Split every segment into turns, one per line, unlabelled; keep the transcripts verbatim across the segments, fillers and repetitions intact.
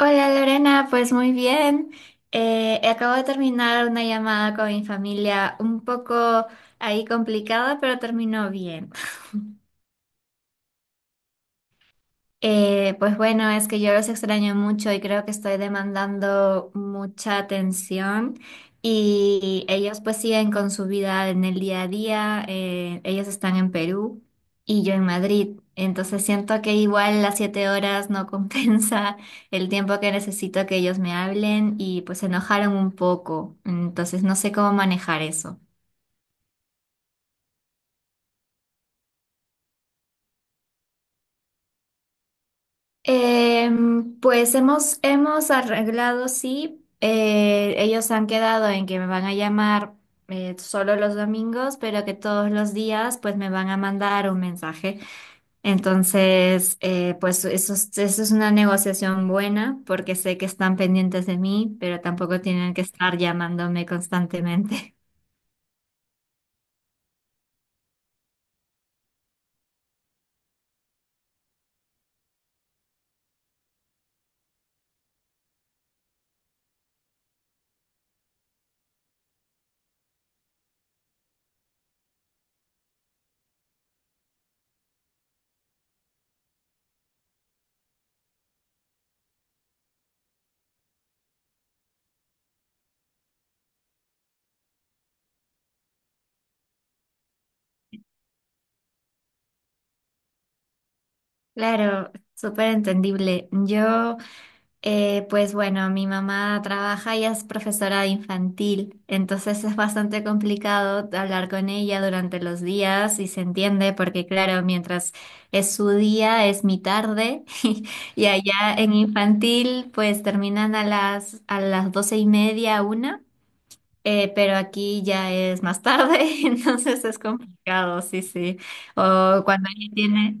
Hola Lorena, pues muy bien. Eh, acabo de terminar una llamada con mi familia un poco ahí complicada, pero terminó bien. Eh, pues bueno, es que yo los extraño mucho y creo que estoy demandando mucha atención, y ellos pues siguen con su vida en el día a día. Eh, ellos están en Perú y yo en Madrid, entonces siento que igual las siete horas no compensa el tiempo que necesito que ellos me hablen, y pues se enojaron un poco. Entonces no sé cómo manejar eso. Em, pues hemos, hemos arreglado, sí. Eh, ellos han quedado en que me van a llamar, eh, solo los domingos, pero que todos los días pues me van a mandar un mensaje. Entonces, eh, pues eso, es- eso es una negociación buena porque sé que están pendientes de mí, pero tampoco tienen que estar llamándome constantemente. Claro, súper entendible. Yo... Eh, pues bueno, mi mamá trabaja y es profesora de infantil, entonces es bastante complicado hablar con ella durante los días, y se entiende porque claro, mientras es su día es mi tarde y allá en infantil pues terminan a las a las doce y media, una. Eh, pero aquí ya es más tarde, entonces es complicado, sí, sí. O cuando ella tiene...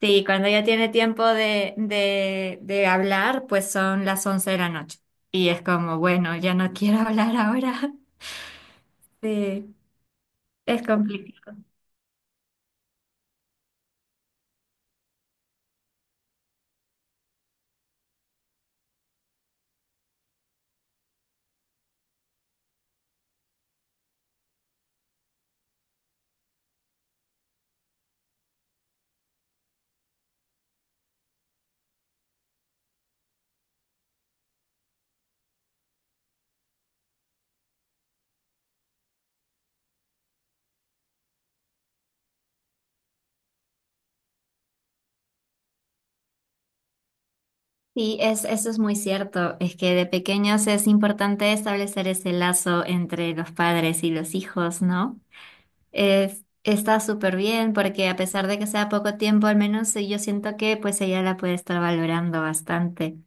Sí, cuando ya tiene tiempo de, de, de hablar, pues son las once de la noche. Y es como, bueno, ya no quiero hablar ahora. Sí, es complicado. Sí, es, eso es muy cierto. Es que de pequeños es importante establecer ese lazo entre los padres y los hijos, ¿no? Es, está súper bien porque a pesar de que sea poco tiempo, al menos yo siento que pues ella la puede estar valorando bastante.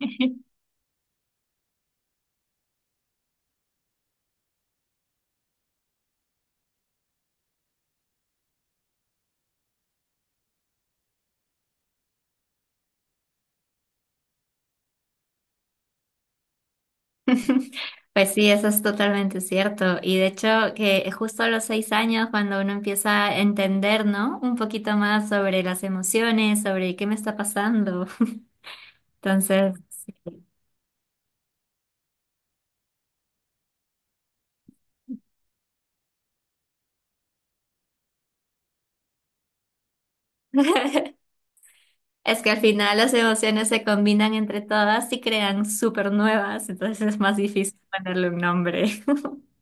Pues sí, eso es totalmente cierto. Y de hecho, que justo a los seis años, cuando uno empieza a entender, ¿no? Un poquito más sobre las emociones, sobre qué me está pasando. Entonces, sí. Es que al final las emociones se combinan entre todas y crean súper nuevas, entonces es más difícil ponerle un nombre.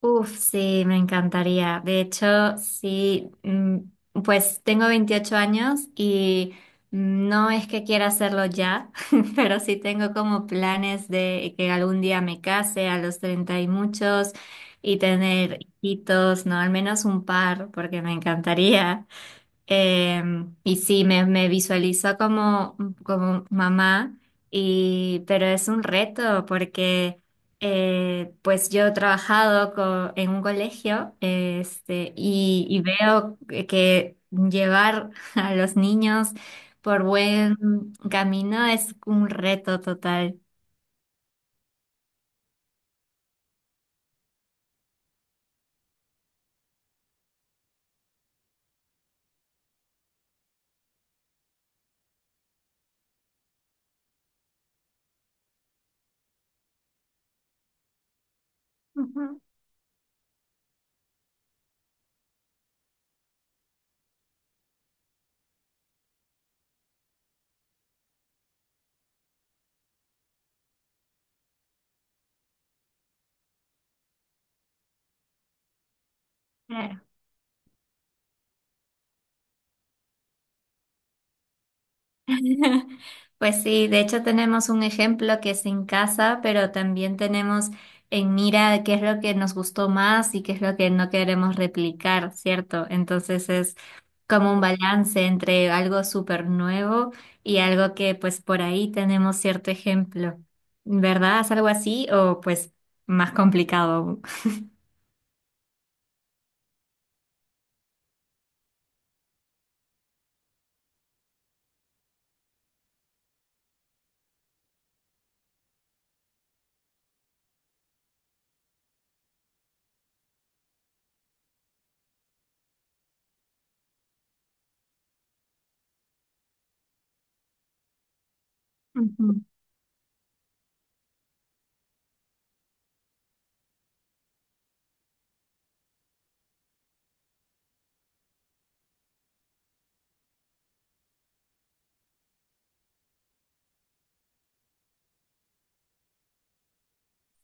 Uf, sí, me encantaría. De hecho, sí, mm, pues tengo veintiocho años, y no es que quiera hacerlo ya, pero sí tengo como planes de que algún día me case a los treinta y muchos y tener hijitos, no, al menos un par, porque me encantaría. Em, y sí, me, me visualizo como, como mamá. Y pero es un reto porque eh, pues yo he trabajado co- en un colegio este, y, y veo que que llevar a los niños por buen camino es un reto total. Ujú. Pues sí, de hecho tenemos un ejemplo que es en casa, pero también tenemos en mira qué es lo que nos gustó más y qué es lo que no queremos replicar, ¿cierto? Entonces es como un balance entre algo súper nuevo y algo que pues por ahí tenemos cierto ejemplo, ¿verdad? ¿Es algo así o pues más complicado? ¿Aún?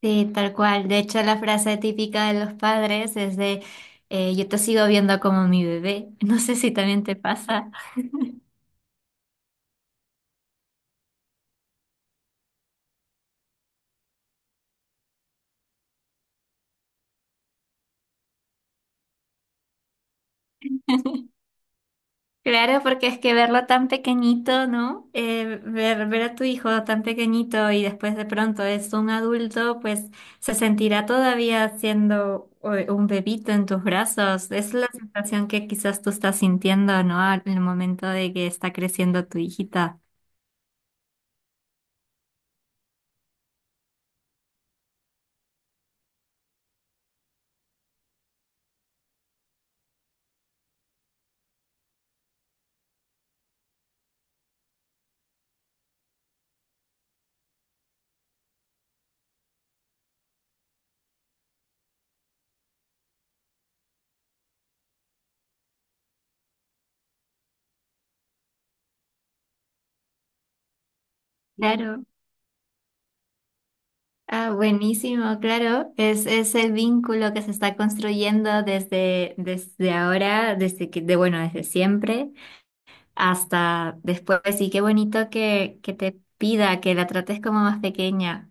Sí, tal cual. De hecho, la frase típica de los padres es de eh, yo te sigo viendo como mi bebé. No sé si también te pasa. Claro, porque es que verlo tan pequeñito, ¿no? Eh, ver, ver a tu hijo tan pequeñito y después de pronto es un adulto, pues se sentirá todavía siendo eh, un bebito en tus brazos. Es la sensación que quizás tú estás sintiendo, ¿no? Al- En el momento de que está creciendo tu hijita. Claro. Ah, buenísimo, claro. Es ese vínculo que se está construyendo desde, desde ahora, desde que, de, bueno, desde siempre hasta después. Y qué bonito que, que te pida que la trates como más pequeña.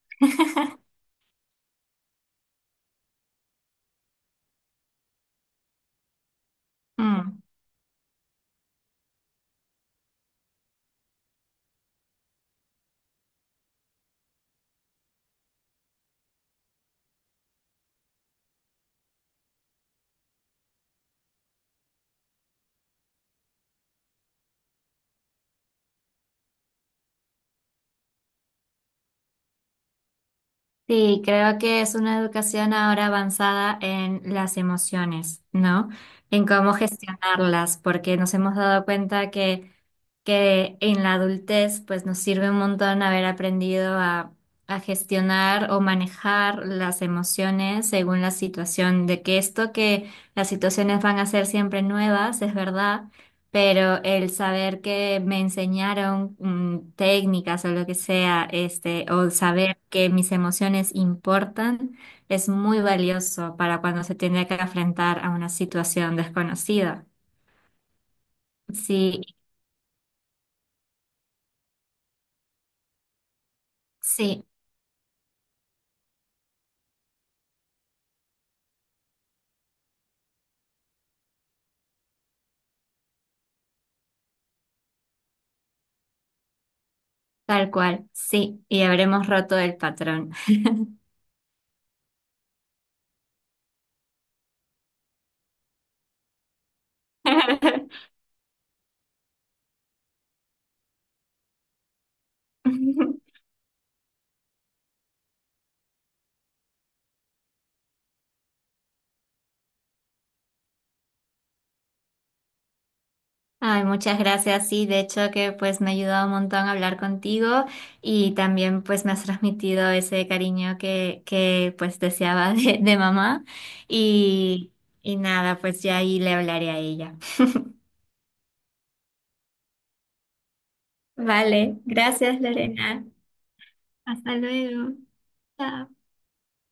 Mm. Sí, creo que es una educación ahora avanzada en las emociones, ¿no? En cómo gestionarlas, porque nos hemos dado cuenta que, que en la adultez pues nos sirve un montón haber aprendido a, a gestionar o manejar las emociones según la situación, de que esto que las situaciones van a ser siempre nuevas, es verdad, pero el saber que me enseñaron mm, técnicas o lo que sea, este, o saber que mis emociones importan, es muy valioso para cuando se tiene que enfrentar a una situación desconocida. Sí, sí, tal cual, sí, y habremos roto el patrón. Ay, muchas gracias. Sí, de hecho que pues me ha ayudado un montón a hablar contigo, y también pues me has transmitido ese cariño que, que pues deseaba de, de mamá. Y, y nada, pues ya ahí le hablaré a ella. Vale, gracias Lorena. Hasta luego. Chao.